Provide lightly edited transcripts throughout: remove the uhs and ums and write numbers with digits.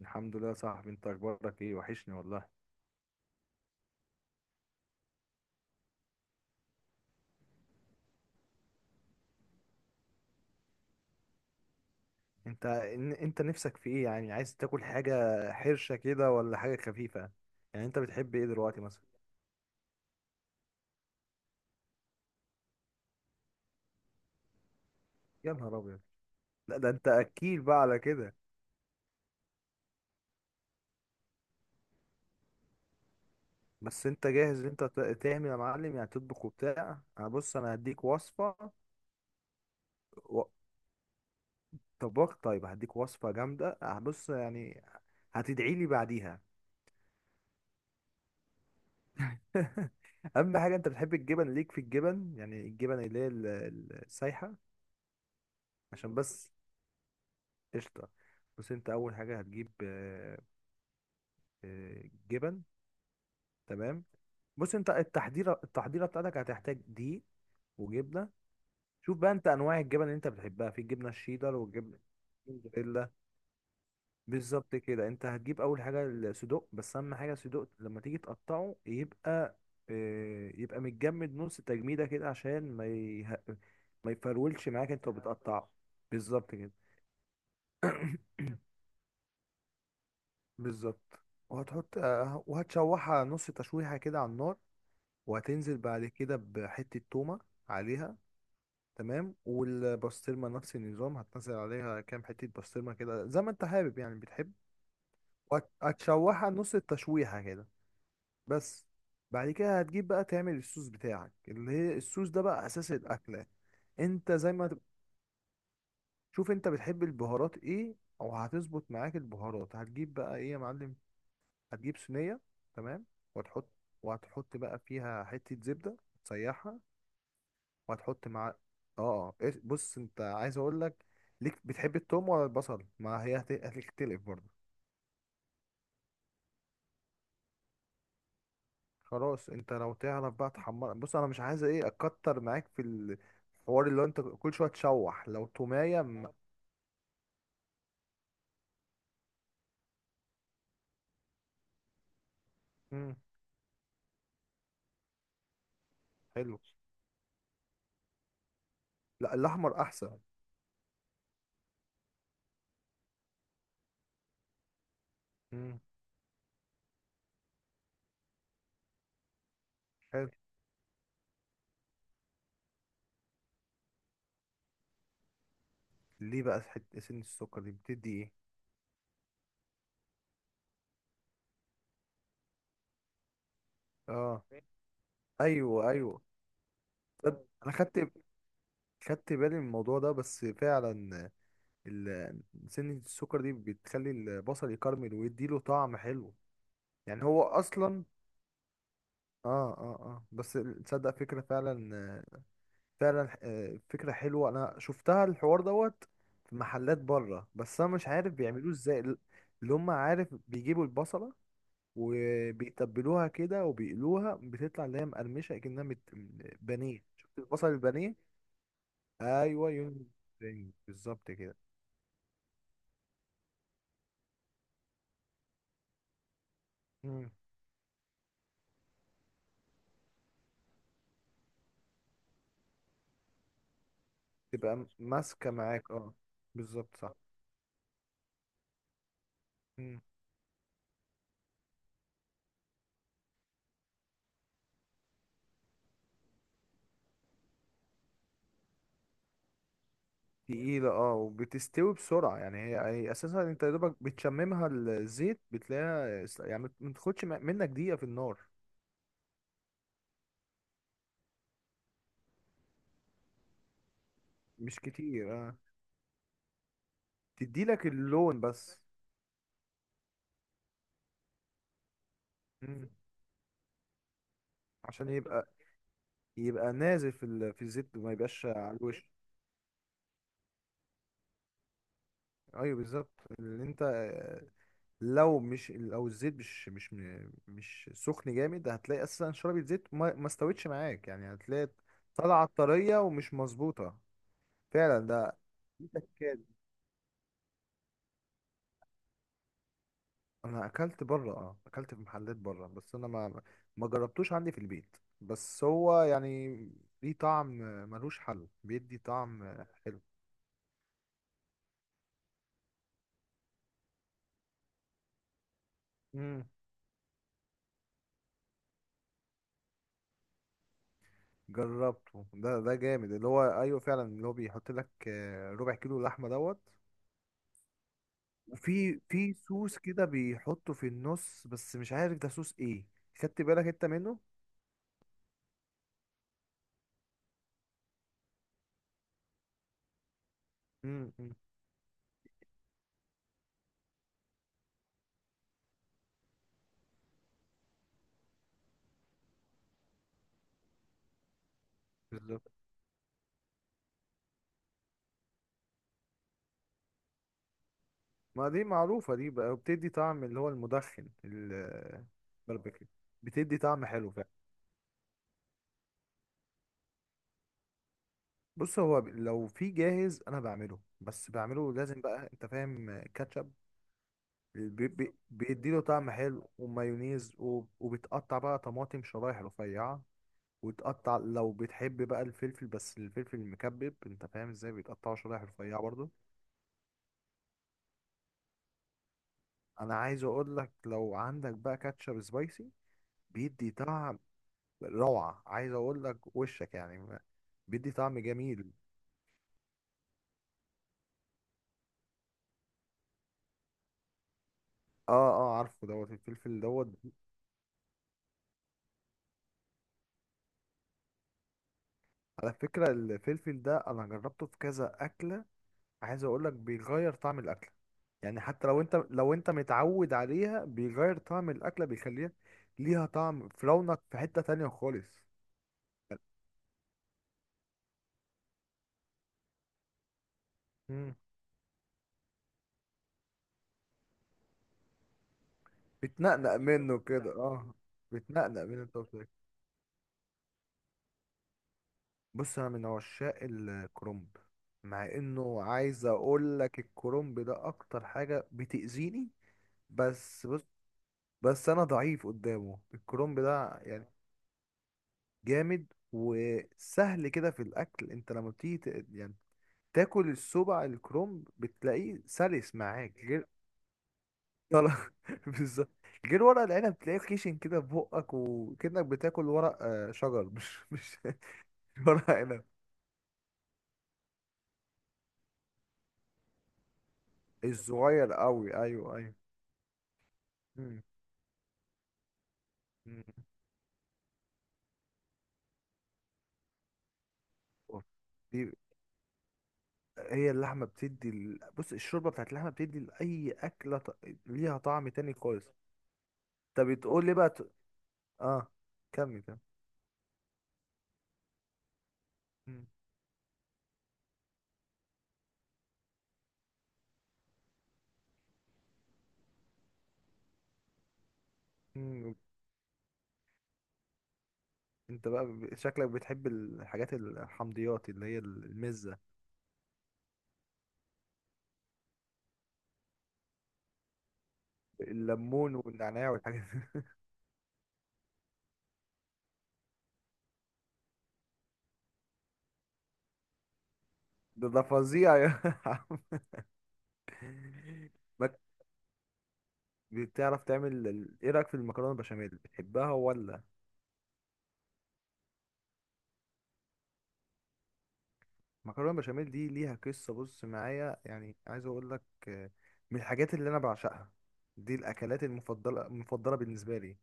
الحمد لله يا صاحبي، انت اخبارك ايه؟ وحشني والله. انت نفسك في ايه؟ يعني عايز تاكل حاجه حرشه كده، ولا حاجه خفيفه؟ يعني انت بتحب ايه دلوقتي مثلا؟ يا نهار ابيض! لا، ده انت اكيل بقى على كده. بس انت جاهز ان انت تعمل يا معلم، يعني تطبخ وبتاع؟ انا بص، انا هديك وصفه. و... طباخ، طيب هديك وصفه جامده. بص يعني، هتدعي لي بعديها. اهم حاجه، انت بتحب الجبن؟ ليك في الجبن يعني الجبن اللي هي السايحه. عشان بس. قشطة. بص انت اول حاجة هتجيب آه، جبن. تمام. بص، انت التحضيرة بتاعتك هتحتاج دقيق وجبنة. شوف بقى انت انواع الجبن اللي انت بتحبها، في الجبنة الشيدر، والجبنة الموتزاريلا. بالظبط كده. انت هتجيب اول حاجة الصدوق، بس اهم حاجة الصدوق لما تيجي تقطعه يبقى يبقى متجمد نص تجميدة كده، عشان ما يفرولش معاك انت وبتقطعه. بالظبط كده. بالظبط. وهتحط آه، وهتشوحها نص تشويحة كده على النار. وهتنزل بعد كده بحتة تومة عليها. تمام. والبسطرمة نفس النظام، هتنزل عليها كام حتة بسطرمة كده زي ما انت حابب، يعني بتحب. هتشوحها نص التشويحة كده بس. بعد كده هتجيب بقى تعمل الصوص بتاعك، اللي هي الصوص ده بقى أساس الأكلة. انت زي ما تب- شوف، انت بتحب البهارات ايه، او هتظبط معاك البهارات؟ هتجيب بقى ايه يا معلم؟ هتجيب صينية. تمام. وهتحط وهتحط بقى فيها حتة زبدة تسيحها. وهتحط مع بص انت عايز اقول لك، ليك بتحب التوم ولا البصل؟ ما هي هتختلف برضه. خلاص، انت لو تعرف بقى تحمر، بص انا مش عايز ايه اكتر معاك في الحوار، اللي هو انت كل شوية تشوح لو تومية مم. حلو. لا، الاحمر احسن. مم. حلو. ليه بقى سن السكر دي بتدي ايه؟ اه، ايوه ايوه. تصدق انا خدت بالي من الموضوع ده، بس فعلا ال- سنة السكر دي بتخلي البصل يكرمل ويديله طعم حلو. يعني هو اصلا اه بس. تصدق فكرة فعلا. فعلا فكرة حلوة، انا شفتها الحوار دوت في محلات بره، بس انا مش عارف بيعملوه ازاي اللي هم، عارف، بيجيبوا البصلة، وبيتبلوها كده وبيقلوها، بتطلع اللي هي مقرمشة كأنها بانيه. شفت البصل البانيه؟ ايوه يوم. بالظبط كده. مم. تبقى ماسكة معاك، اه. بالظبط صح. مم. تقيلة، اه، وبتستوي بسرعة. يعني هي اساسا انت يا دوبك بتشممها الزيت، بتلاقيها يعني ما تاخدش منك دقيقة في النار. مش كتير، اه. تديلك اللون بس. مم. عشان يبقى نازل في الزيت، وما يبقاش على الوش. ايوه بالظبط اللي انت، لو الزيت مش سخن جامد، هتلاقي اساسا شربة زيت، ما استوتش معاك، يعني هتلاقي طالعه طريه ومش مظبوطه. فعلا. ده في تكات. انا اكلت في محلات بره، بس انا ما جربتوش عندي في البيت، بس هو يعني ليه طعم، ملوش حل، بيدي طعم حلو. امم جربته. ده جامد. اللي هو ايوه فعلا، اللي هو بيحط لك ربع كيلو لحمه دوت. وفي صوص كده بيحطه في النص، بس مش عارف ده صوص ايه. خدت بالك انت منه امم بالظبط. ما دي معروفة دي بقى، وبتدي طعم اللي هو المدخن الباربيكيو. بتدي طعم حلو فعلا. بص هو، لو في جاهز انا بعمله، بس بعمله لازم بقى، انت فاهم، كاتشب. بيديله طعم حلو ومايونيز، وبتقطع بقى طماطم شرايح رفيعة. وتقطع لو بتحب بقى الفلفل. بس الفلفل المكبب، انت فاهم ازاي، بيتقطع شرايح رفيعة برضو. انا عايز اقول لك، لو عندك بقى كاتشب سبايسي، بيدي طعم روعة، عايز اقول لك وشك يعني بيدي طعم جميل. اه اه، عارفه دوت الفلفل دوت. على فكرة الفلفل ده انا جربته في كذا اكلة. عايز اقول لك بيغير طعم الاكلة. يعني حتى لو انت متعود عليها، بيغير طعم الاكلة، بيخليها ليها طعم في رونق في حتة تانية خالص. بتنقنق منه كده الكفته، اه. بتنقنق من التوفيق. بص انا من عشاق الكرنب. مع انه، عايز اقول لك، الكرنب ده اكتر حاجه بتاذيني. بس بص، بس انا ضعيف قدامه الكرنب ده يعني. جامد وسهل كده في الاكل، انت لما بتيجي يعني تاكل السبع الكرنب، بتلاقيه سلس معاك، غير. طلع- بالظبط. غير ورق العنب تلاقيه خشن كده في بقك، وكأنك بتاكل ورق شجر، مش ورق عنب الصغير قوي. ايوه ايوه. مم. مم. أوف. دي هي اللحمه بتدي بص الشوربه بتاعت اللحمه بتدي لاي اكله ليها طعم تاني خالص. طب بتقول لي بقى اه، كمل كمل. مم. مم. انت بقى شكلك بتحب الحاجات الحمضيات، اللي هي المزه. الليمون والنعناع والحاجات. ده فظيع يا عم. ما بتعرف تعمل ايه رايك في المكرونه البشاميل، بتحبها ولا؟ مكرونه بشاميل دي ليها قصه، بص معايا يعني، عايز اقول لك آه، من الحاجات اللي انا بعشقها. دي الاكلات المفضله المفضله بالنسبه لي.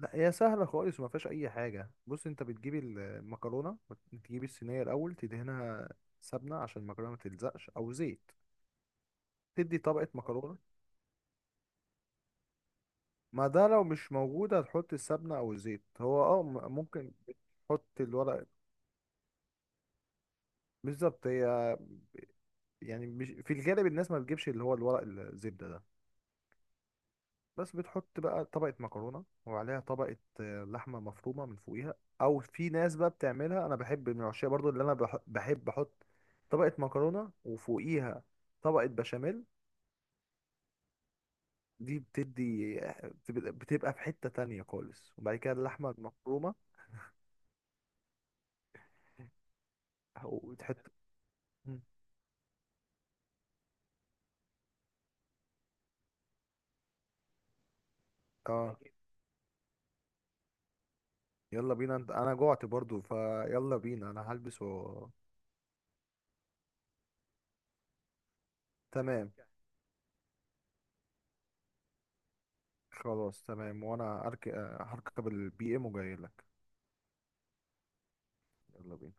لا هي سهله خالص وما فيهاش اي حاجه. بص انت بتجيب المكرونه، بتجيب الصينيه الاول تدهنها سمنه عشان المكرونه ما تلزقش، او زيت. تدي طبقه مكرونه. ما ده لو مش موجوده هتحط السمنه او الزيت، هو ممكن تحط الورق. بالظبط هي. يعني مش في الغالب الناس ما بتجيبش اللي هو الورق الزبده ده. بس بتحط بقى طبقة مكرونة، وعليها طبقة لحمة مفرومة من فوقيها. أو في ناس بقى بتعملها، أنا بحب من العشاء برضو اللي أنا بحب أحط طبقة مكرونة وفوقيها طبقة بشاميل. دي بتدي بتبقى في حتة تانية خالص، وبعد كده اللحمة المفرومة. وتحط. مم. اه، يلا بينا انت، انا جوعت برضو، فيلا بينا، انا هلبس تمام. خلاص تمام، وانا أرك... آه، هركب ال BM وجاي لك. يلا بينا.